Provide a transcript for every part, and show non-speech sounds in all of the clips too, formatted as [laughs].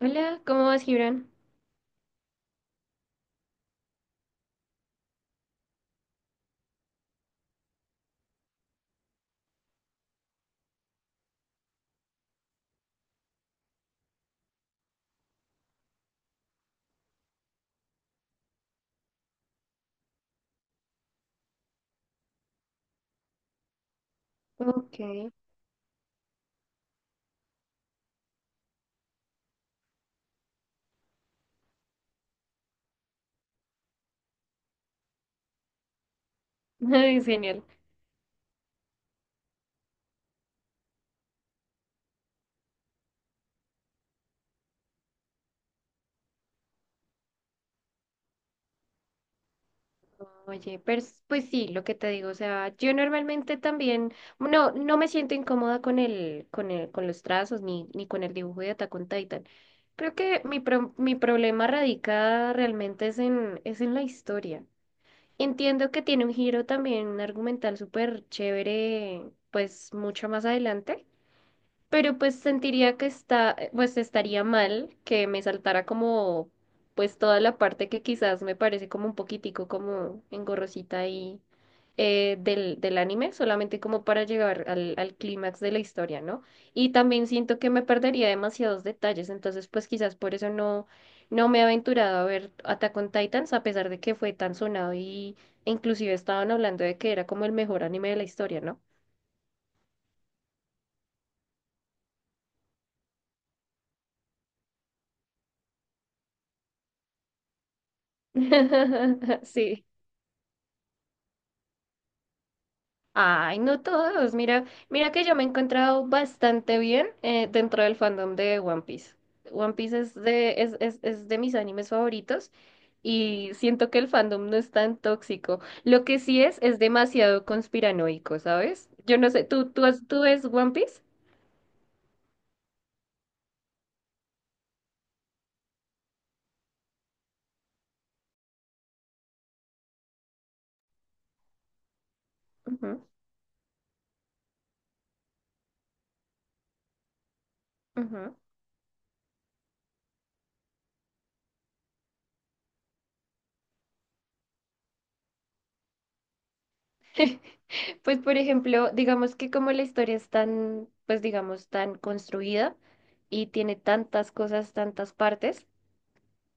Hola, ¿cómo vas, Gibran? Ok. [laughs] Ay, genial. Oye, pues sí, lo que te digo, o sea, yo normalmente también, no me siento incómoda con con los trazos ni con el dibujo de Attack on Titan. Creo que mi problema radica realmente es es en la historia. Entiendo que tiene un giro también argumental súper chévere, pues mucho más adelante. Pero pues sentiría que está, pues estaría mal que me saltara como, pues toda la parte que quizás me parece como un poquitico como engorrosita ahí del anime, solamente como para llegar al clímax de la historia, ¿no? Y también siento que me perdería demasiados detalles, entonces pues quizás por eso no me he aventurado a ver Attack on Titans, a pesar de que fue tan sonado e inclusive estaban hablando de que era como el mejor anime de la historia, ¿no? [laughs] Sí. Ay, no todos. Mira que yo me he encontrado bastante bien dentro del fandom de One Piece. One Piece es es de mis animes favoritos y siento que el fandom no es tan tóxico. Lo que sí es demasiado conspiranoico, ¿sabes? Yo no sé, tú ves One Piece? Ujú, ujú. [laughs] Pues, por ejemplo, digamos que como la historia es tan, pues digamos, tan construida y tiene tantas cosas, tantas partes.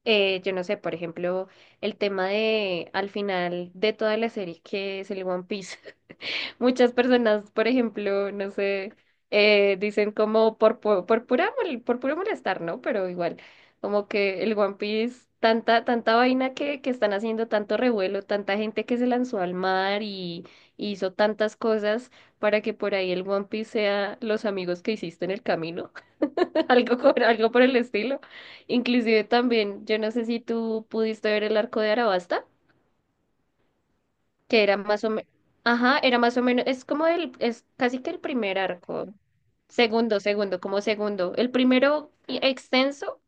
Yo no sé, por ejemplo, el tema de al final de toda la serie que es el One Piece. [laughs] Muchas personas, por ejemplo, no sé, dicen como por puro molestar, ¿no? Pero igual, como que el One Piece, tanta vaina que están haciendo, tanto revuelo, tanta gente que se lanzó al mar y hizo tantas cosas para que por ahí el One Piece sea los amigos que hiciste en el camino. [laughs] Algo por el estilo. Inclusive también, yo no sé si tú pudiste ver el arco de Arabasta, que era más o menos, ajá, era más o menos, es como es casi que el primer arco, segundo, segundo, como segundo. El primero extenso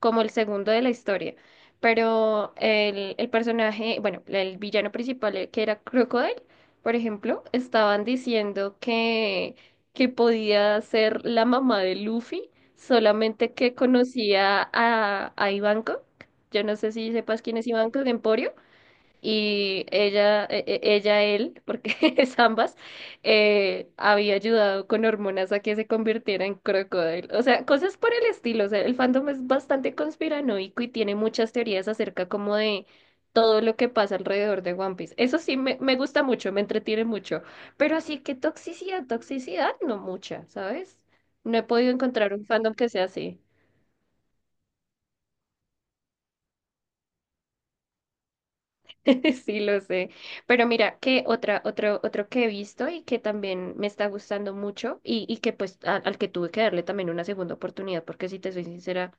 como el segundo de la historia. Pero el personaje, bueno, el villano principal, que era Crocodile, por ejemplo, estaban diciendo que podía ser la mamá de Luffy, solamente que conocía a Ivankov. Yo no sé si sepas quién es Ivankov, Emporio y ella, ella, él, porque [laughs] es ambas, había ayudado con hormonas a que se convirtiera en crocodile. O sea, cosas por el estilo. O sea, el fandom es bastante conspiranoico y tiene muchas teorías acerca como de todo lo que pasa alrededor de One Piece. Eso sí, me gusta mucho, me entretiene mucho. Pero así que toxicidad, toxicidad, no mucha, ¿sabes? No he podido encontrar un fandom que sea así. [laughs] Sí, lo sé. Pero mira, que otro que he visto y que también me está gustando mucho y que pues al que tuve que darle también una segunda oportunidad, porque si te soy sincera,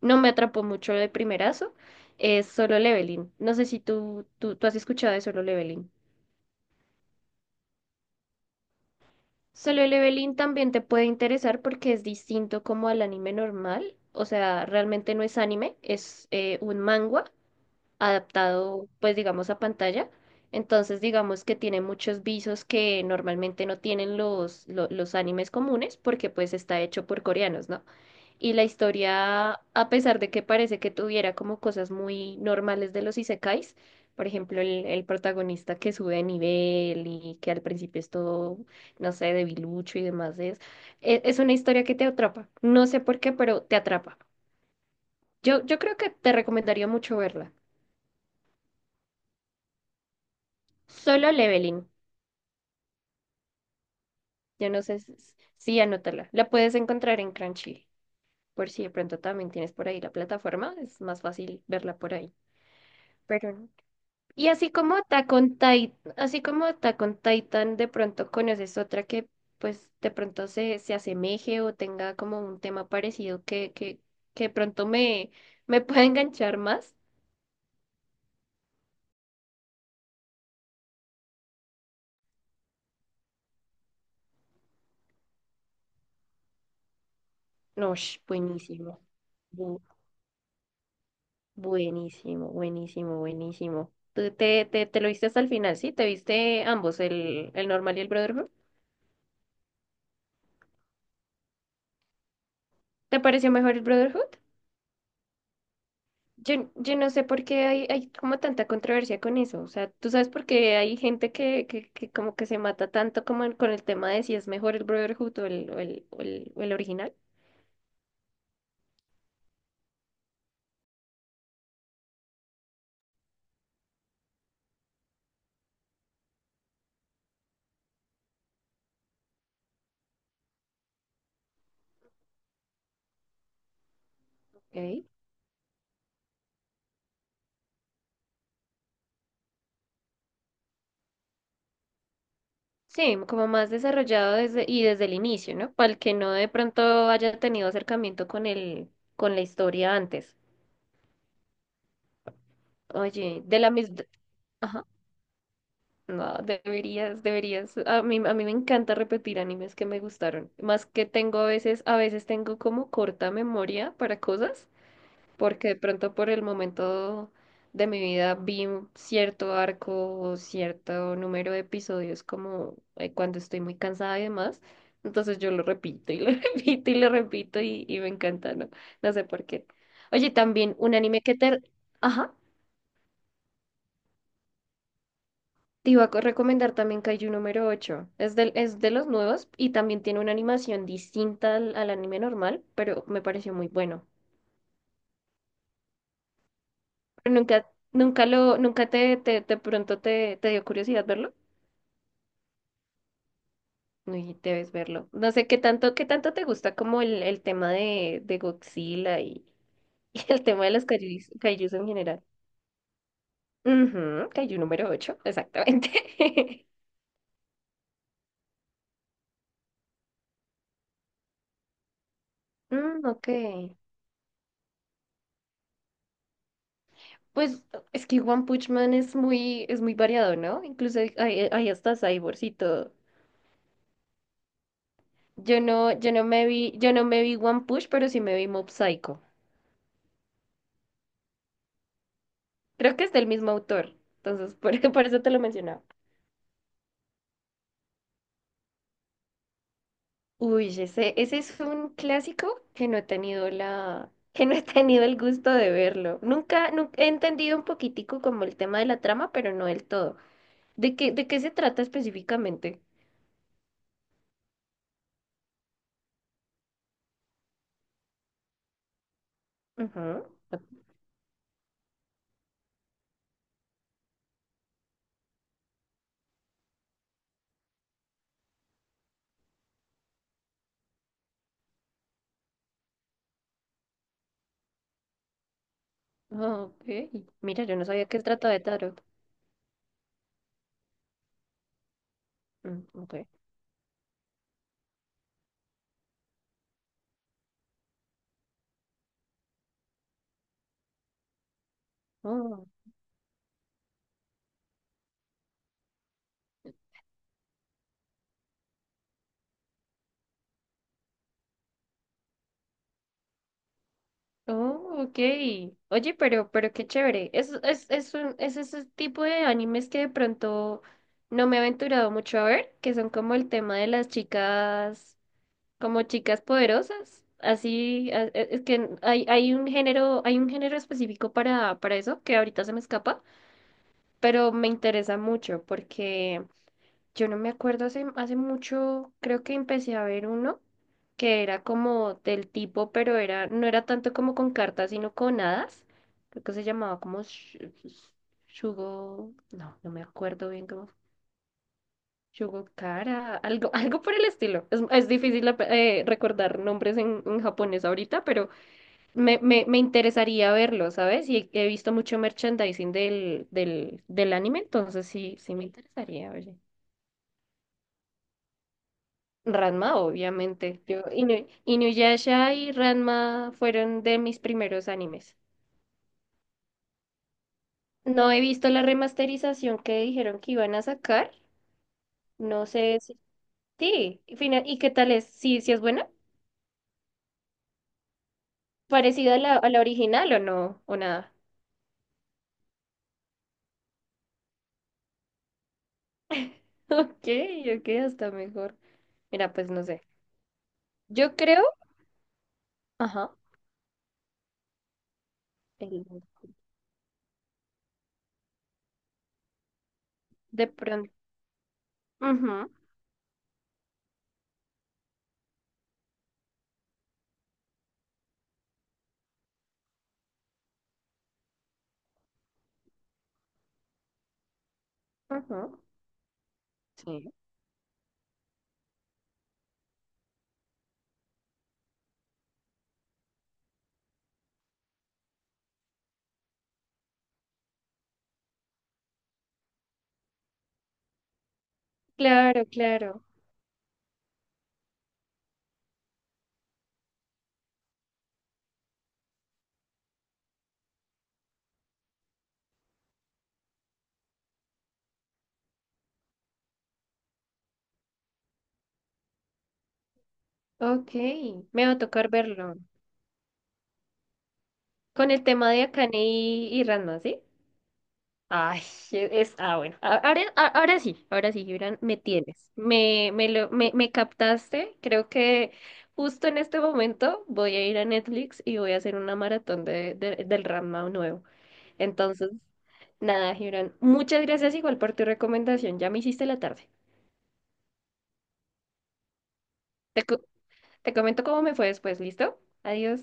no me atrapó mucho de primerazo, es Solo Leveling. No sé si tú has escuchado de Solo Leveling. Solo Leveling también te puede interesar porque es distinto como al anime normal. O sea, realmente no es anime, es un manga adaptado, pues digamos, a pantalla. Entonces, digamos que tiene muchos visos que normalmente no tienen los animes comunes porque pues está hecho por coreanos, ¿no? Y la historia, a pesar de que parece que tuviera como cosas muy normales de los isekais, por ejemplo, el protagonista que sube de nivel y que al principio es todo, no sé, debilucho y demás, es una historia que te atrapa. No sé por qué, pero te atrapa. Yo creo que te recomendaría mucho verla. Solo Leveling. Yo no sé si, sí, anótala. La puedes encontrar en Crunchy, por si de pronto también tienes por ahí la plataforma, es más fácil verla por ahí. Pero no. Y así como Attack on Titan, así como Attack on Titan, de pronto conoces otra que pues de pronto se asemeje o tenga como un tema parecido que de pronto me pueda enganchar más. No, sh, buenísimo. Buenísimo, buenísimo, buenísimo. ¿Tú te lo viste hasta el final, sí? ¿Te viste ambos, el normal y el Brotherhood? ¿Te pareció mejor el Brotherhood? Yo no sé por qué hay como tanta controversia con eso. O sea, ¿tú sabes por qué hay gente que como que se mata tanto como con el tema de si es mejor el Brotherhood o el original? Ok. Sí, como más desarrollado desde, y desde el inicio, ¿no? Para el que no de pronto haya tenido acercamiento con el, con la historia antes. Oye, de la misma... No, deberías, deberías. A mí me encanta repetir animes que me gustaron. Más que tengo a veces tengo como corta memoria para cosas, porque de pronto por el momento de mi vida vi un cierto arco o cierto número de episodios como cuando estoy muy cansada y demás. Entonces yo lo repito y lo [laughs] repito y lo repito y me encanta, ¿no? No sé por qué. Oye, también un anime que te... Ajá. Te iba a recomendar también Kaiju número 8. Es de los nuevos y también tiene una animación distinta al anime normal, pero me pareció muy bueno. Pero nunca, nunca lo, nunca de pronto te dio curiosidad verlo. Uy, debes verlo. No sé qué tanto te gusta como el tema de Godzilla y, [laughs] y el tema de los kaijus, kaijus en general. Ujú, Kaiju número 8. Exactamente. [laughs] Mm, ok. Pues es que One Punch Man es muy variado, ¿no? Incluso hay, hay hasta cyborgs y todo. Yo no me vi One Punch, pero sí me vi Mob Psycho. Creo que es del mismo autor. Entonces, por, [laughs] por eso te lo mencionaba. Uy, ese es un clásico que no he tenido que no he tenido el gusto de verlo. Nunca, nunca he entendido un poquitico como el tema de la trama, pero no del todo. De qué se trata específicamente? Ajá. Ah, ok. Mira, yo no sabía que se trataba de tarot. Mm, okay. Oh, oh, okay. Oye, pero qué chévere. Es un, es ese tipo de animes que de pronto no me he aventurado mucho a ver, que son como el tema de las chicas, como chicas poderosas. Así, es que hay, hay un género específico para eso, que ahorita se me escapa, pero me interesa mucho porque yo no me acuerdo, hace, hace mucho creo que empecé a ver uno que era como del tipo, pero era, no era tanto como con cartas, sino con hadas. Creo que se llamaba como Sh- Shugo, no, no me acuerdo bien cómo. Shugo Kara, algo, [laughs] algo por el estilo. Es difícil recordar nombres en japonés ahorita, pero me interesaría verlo, ¿sabes? Y he visto mucho merchandising del anime, entonces sí, sí me interesaría, oye. Ranma, obviamente. Yo, Inuyasha y Ranma fueron de mis primeros animes. No he visto la remasterización que dijeron que iban a sacar. No sé si... Sí, y ¿y qué tal es? ¿Sí, sí es buena? ¿Parecida a la original o no? ¿O nada? [laughs] Ok, ok, hasta mejor. Mira, pues no sé. Yo creo... Ajá. El- De pronto. Ujú, ujú. Sí. Claro, claro. Ok, me va a tocar verlo. Con el tema de Akane y Ranma, ¿sí? Ay, es... Ah, bueno. Ahora, ahora sí, Gibran, me tienes. Me captaste. Creo que justo en este momento voy a ir a Netflix y voy a hacer una maratón del Ranma nuevo. Entonces, nada, Gibran, muchas gracias igual por tu recomendación. Ya me hiciste la tarde. Te, co- te comento cómo me fue después, ¿listo? Adiós.